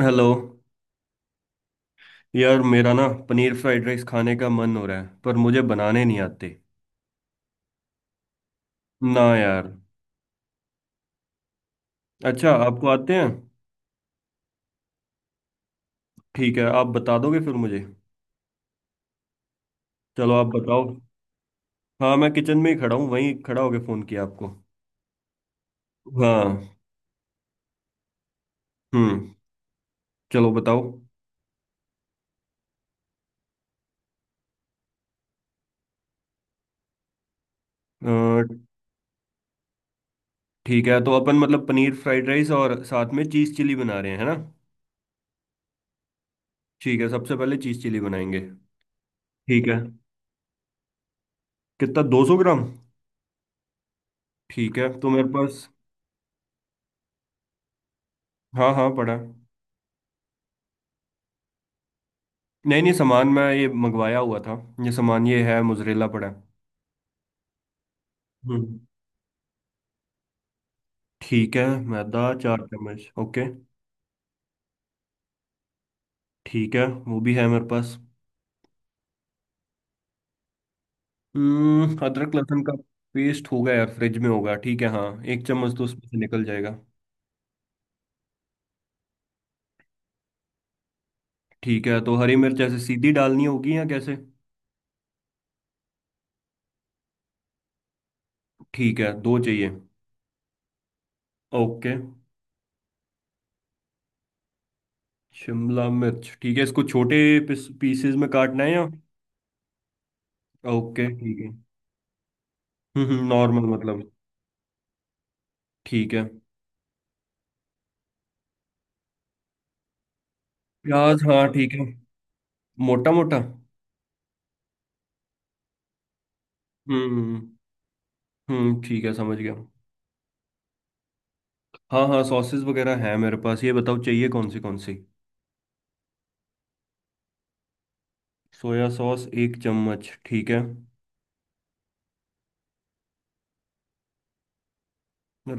Hello. यार, मेरा ना पनीर फ्राइड राइस खाने का मन हो रहा है, पर मुझे बनाने नहीं आते। ना यार। अच्छा, आपको आते हैं? ठीक है, आप बता दोगे फिर मुझे। चलो, आप बताओ। हाँ, मैं किचन में ही खड़ा हूँ, वहीं खड़ा होके फ़ोन किया आपको। हाँ। हम्म। चलो, बताओ। अ, ठीक है, तो अपन मतलब पनीर फ्राइड राइस और साथ में चीज़ चिली बना रहे हैं, है ना? ठीक है, सबसे पहले चीज़ चिली बनाएंगे। ठीक है, कितना, 200 ग्राम? ठीक है तो मेरे पास। हाँ हाँ, पड़ा है। नहीं नहीं, सामान मैं ये मंगवाया हुआ था। ये सामान ये है, मोजरेला पड़ा है। हम्म, ठीक है। मैदा 4 चम्मच, ओके। ठीक है, वो भी है मेरे पास। हम्म, अदरक लहसुन का पेस्ट होगा यार, फ्रिज में होगा, ठीक है, हाँ। एक चम्मच तो उसमें से निकल जाएगा। ठीक है, तो हरी मिर्च ऐसे सीधी डालनी होगी या कैसे? ठीक है, दो चाहिए। ओके। शिमला मिर्च ठीक है, इसको छोटे पीसेस में काटना है या? ओके ठीक है। नॉर्मल मतलब। ठीक है। प्याज, हाँ ठीक है। मोटा मोटा। हम्म हम्म, ठीक है, समझ गया। हाँ हाँ, सॉसेस वगैरह हैं मेरे पास, ये बताओ चाहिए कौन सी कौन सी? सोया सॉस एक चम्मच, ठीक है।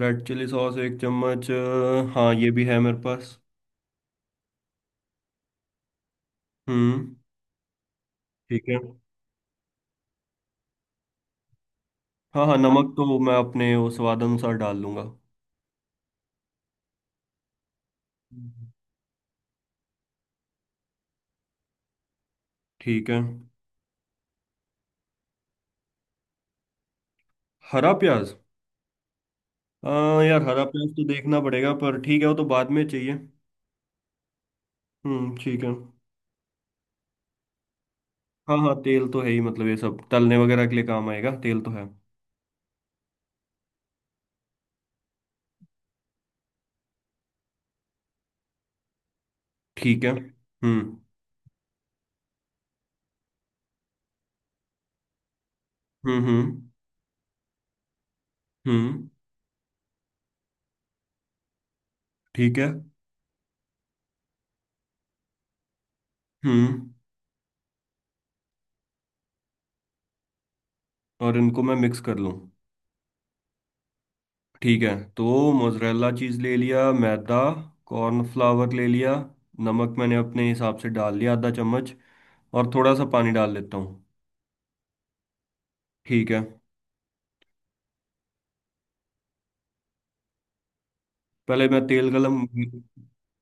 रेड चिली सॉस एक चम्मच, हाँ ये भी है मेरे पास। हम्म, ठीक है। हाँ हाँ, नमक तो मैं अपने वो स्वाद अनुसार डाल लूंगा। हम्म। ठीक है। हरा प्याज। हाँ यार, हरा प्याज तो देखना पड़ेगा, पर ठीक है, वो तो बाद में चाहिए। हम्म, ठीक है। हाँ हाँ, तेल तो है ही, मतलब ये सब तलने वगैरह के लिए काम आएगा, तेल तो है। ठीक है। हम्म हम्म हम्म। ठीक है। हम्म। और इनको मैं मिक्स कर लूँ? ठीक है। तो मोजरेला चीज़ ले लिया, मैदा कॉर्नफ्लावर ले लिया, नमक मैंने अपने हिसाब से डाल लिया आधा चम्मच, और थोड़ा सा पानी डाल लेता हूँ। ठीक है। पहले मैं तेल गलम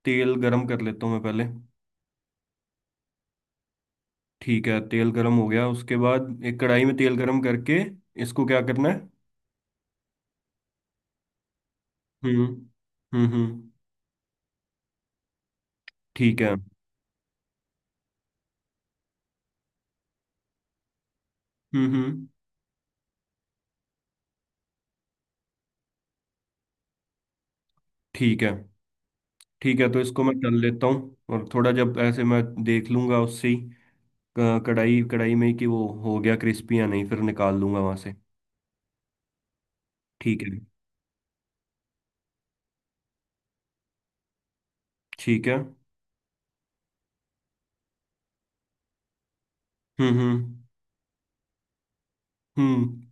तेल गरम कर लेता हूँ मैं पहले। ठीक है, तेल गरम हो गया, उसके बाद एक कढ़ाई में तेल गरम करके इसको क्या करना है? हम्म हम्म। ठीक है। हम्म। ठीक है। ठीक है, तो इसको मैं कर लेता हूँ और थोड़ा जब ऐसे मैं देख लूंगा उससे ही क- कढ़ाई कढ़ाई में ही कि वो हो गया क्रिस्पी या नहीं, फिर निकाल लूंगा वहां से। ठीक है। ठीक है। हम्म हम्म हम्म।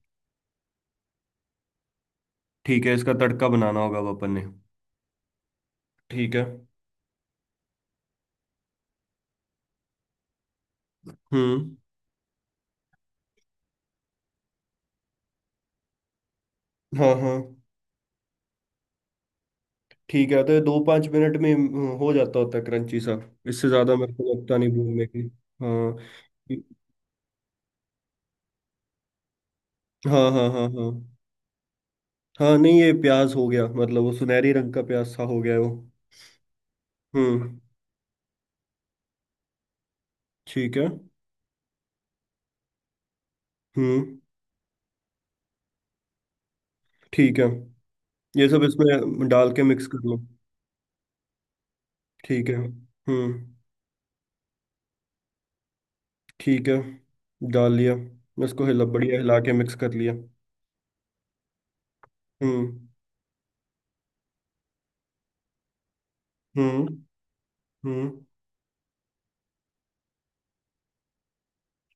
ठीक है, इसका तड़का बनाना होगा अब अपन ने। ठीक है। हम्म। हाँ हाँ। ठीक है, तो ये दो पाँच मिनट में हो जाता होता है क्रंची सा, इससे ज़्यादा मेरे को लगता नहीं भूनने की। हाँ हाँ हाँ हाँ। हाँ हाँ, नहीं ये प्याज हो गया, मतलब वो सुनहरी रंग का प्याज सा हो गया है वो। हम्म, ठीक है। हम्म। ठीक है। ये सब इसमें डाल के मिक्स कर लो। ठीक है। हम्म। ठीक है, डाल लिया, इसको हिला, बढ़िया हिला के मिक्स कर लिया। हम्म हम्म हम्म।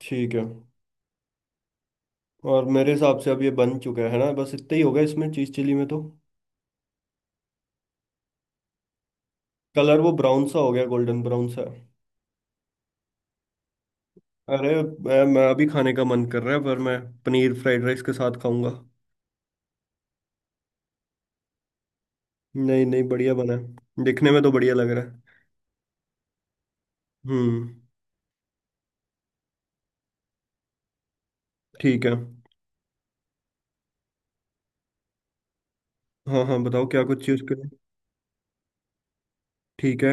ठीक है, और मेरे हिसाब से अब ये बन चुका है ना, बस इतना ही होगा इसमें, चीज़ चिली में तो। कलर वो ब्राउन सा हो गया, गोल्डन ब्राउन सा। अरे मैं अभी खाने का मन कर रहा है पर मैं पनीर फ्राइड राइस के साथ खाऊंगा। नहीं नहीं, बढ़िया बना है, दिखने में तो बढ़िया लग रहा है। हम्म। ठीक है। हाँ हाँ, बताओ क्या कुछ चीज़ करें। ठीक है,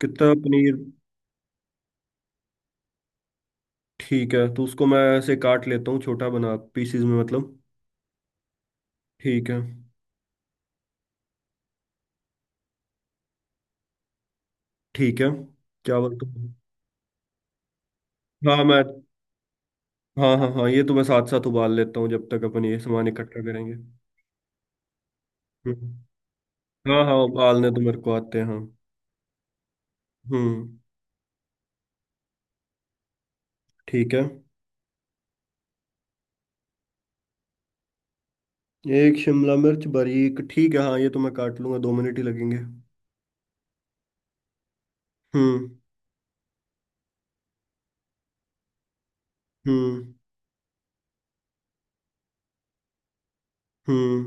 कितना पनीर? ठीक है, तो उसको मैं ऐसे काट लेता हूँ छोटा बना पीसीज में मतलब। ठीक है। ठीक है, चावल तो हाँ मैं, हाँ हाँ हाँ, ये तो मैं साथ साथ उबाल लेता हूँ जब तक अपन ये सामान इकट्ठा करेंगे। हम्म। हाँ हाँ, उबालने तो मेरे को आते हैं, हाँ। हम्म, ठीक है। एक शिमला मिर्च बारीक ठीक है, हाँ ये तो मैं काट लूंगा, 2 मिनट ही लगेंगे। हम्म हम्म हम्म।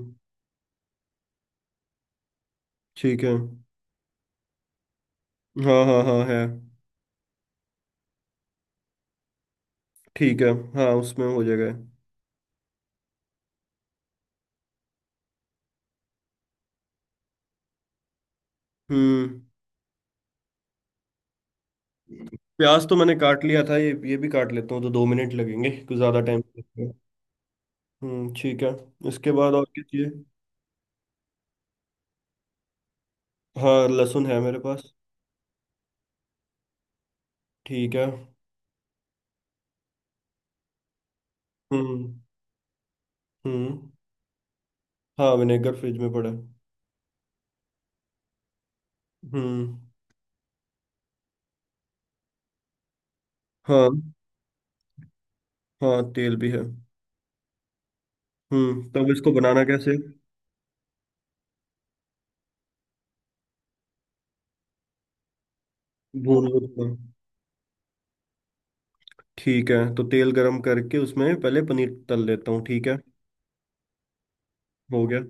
ठीक है। हाँ हाँ हाँ, है। ठीक है। हाँ, उसमें हो जाएगा। हम्म। प्याज तो मैंने काट लिया था, ये भी काट लेता हूँ, तो 2 मिनट लगेंगे, कुछ ज़्यादा टाइम नहीं लगेगा। हम्म, ठीक है। इसके बाद और क्या चाहिए? हाँ, लहसुन है मेरे पास। ठीक है। हम्म हम्म। हाँ, विनेगर फ्रिज में पड़ा है। हम्म। हाँ हाँ, तेल भी है। हम्म, तब इसको बनाना कैसे? भून लो थोड़ा। ठीक है, तो तेल गरम करके उसमें पहले पनीर तल लेता हूँ, ठीक है। हो गया।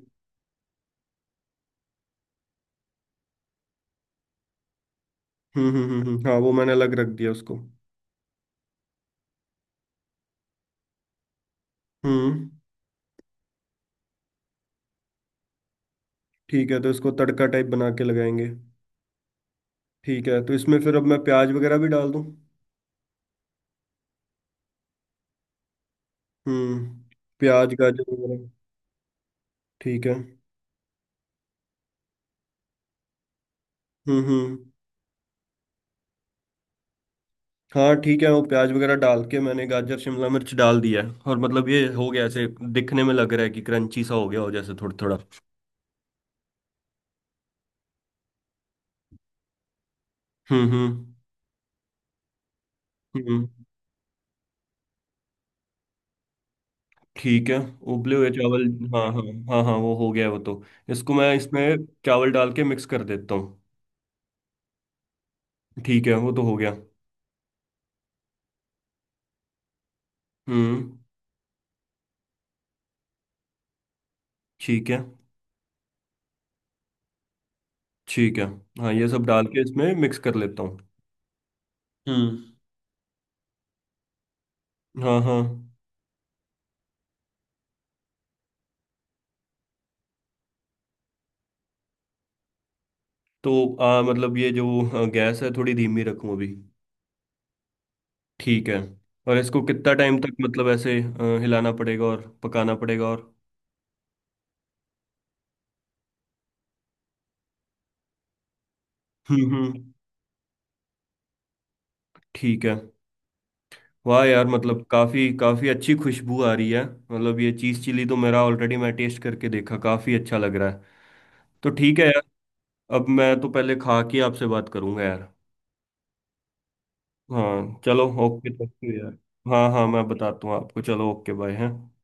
हाँ वो मैंने अलग रख दिया उसको। हम्म। ठीक है, तो इसको तड़का टाइप बना के लगाएंगे। ठीक है, तो इसमें फिर अब मैं प्याज वगैरह भी डाल दूं? हम्म, प्याज गाजर वगैरह। ठीक है। हम्म। हाँ ठीक है, वो प्याज वगैरह डाल के मैंने गाजर शिमला मिर्च डाल दिया है, और मतलब ये हो गया ऐसे, दिखने में लग रहा है कि क्रंची सा हो गया हो जैसे, थोड़ा थोड़ा। हम्म हम्म हम्म। ठीक है, उबले हुए चावल। हाँ हाँ हाँ हाँ, वो हो गया वो तो, इसको मैं इसमें चावल डाल के मिक्स कर देता हूँ। ठीक है, वो तो हो गया। हम्म। ठीक है। ठीक है, हाँ ये सब डाल के इसमें मिक्स कर लेता हूँ। हम्म। हाँ हाँ। तो मतलब ये जो गैस है, थोड़ी धीमी रखूं अभी? ठीक है। और इसको कितना टाइम तक मतलब ऐसे हिलाना पड़ेगा और पकाना पड़ेगा? और हम्म, ठीक है। वाह यार, मतलब काफ़ी काफ़ी अच्छी खुशबू आ रही है, मतलब ये चीज़ चिली तो, मेरा ऑलरेडी मैं टेस्ट करके देखा, काफ़ी अच्छा लग रहा है। तो ठीक है यार, अब मैं तो पहले खा के आपसे बात करूंगा यार। हाँ चलो, ओके, थैंक यू यार। हाँ हाँ, मैं बताता हूँ आपको, चलो, ओके बाय, हैं।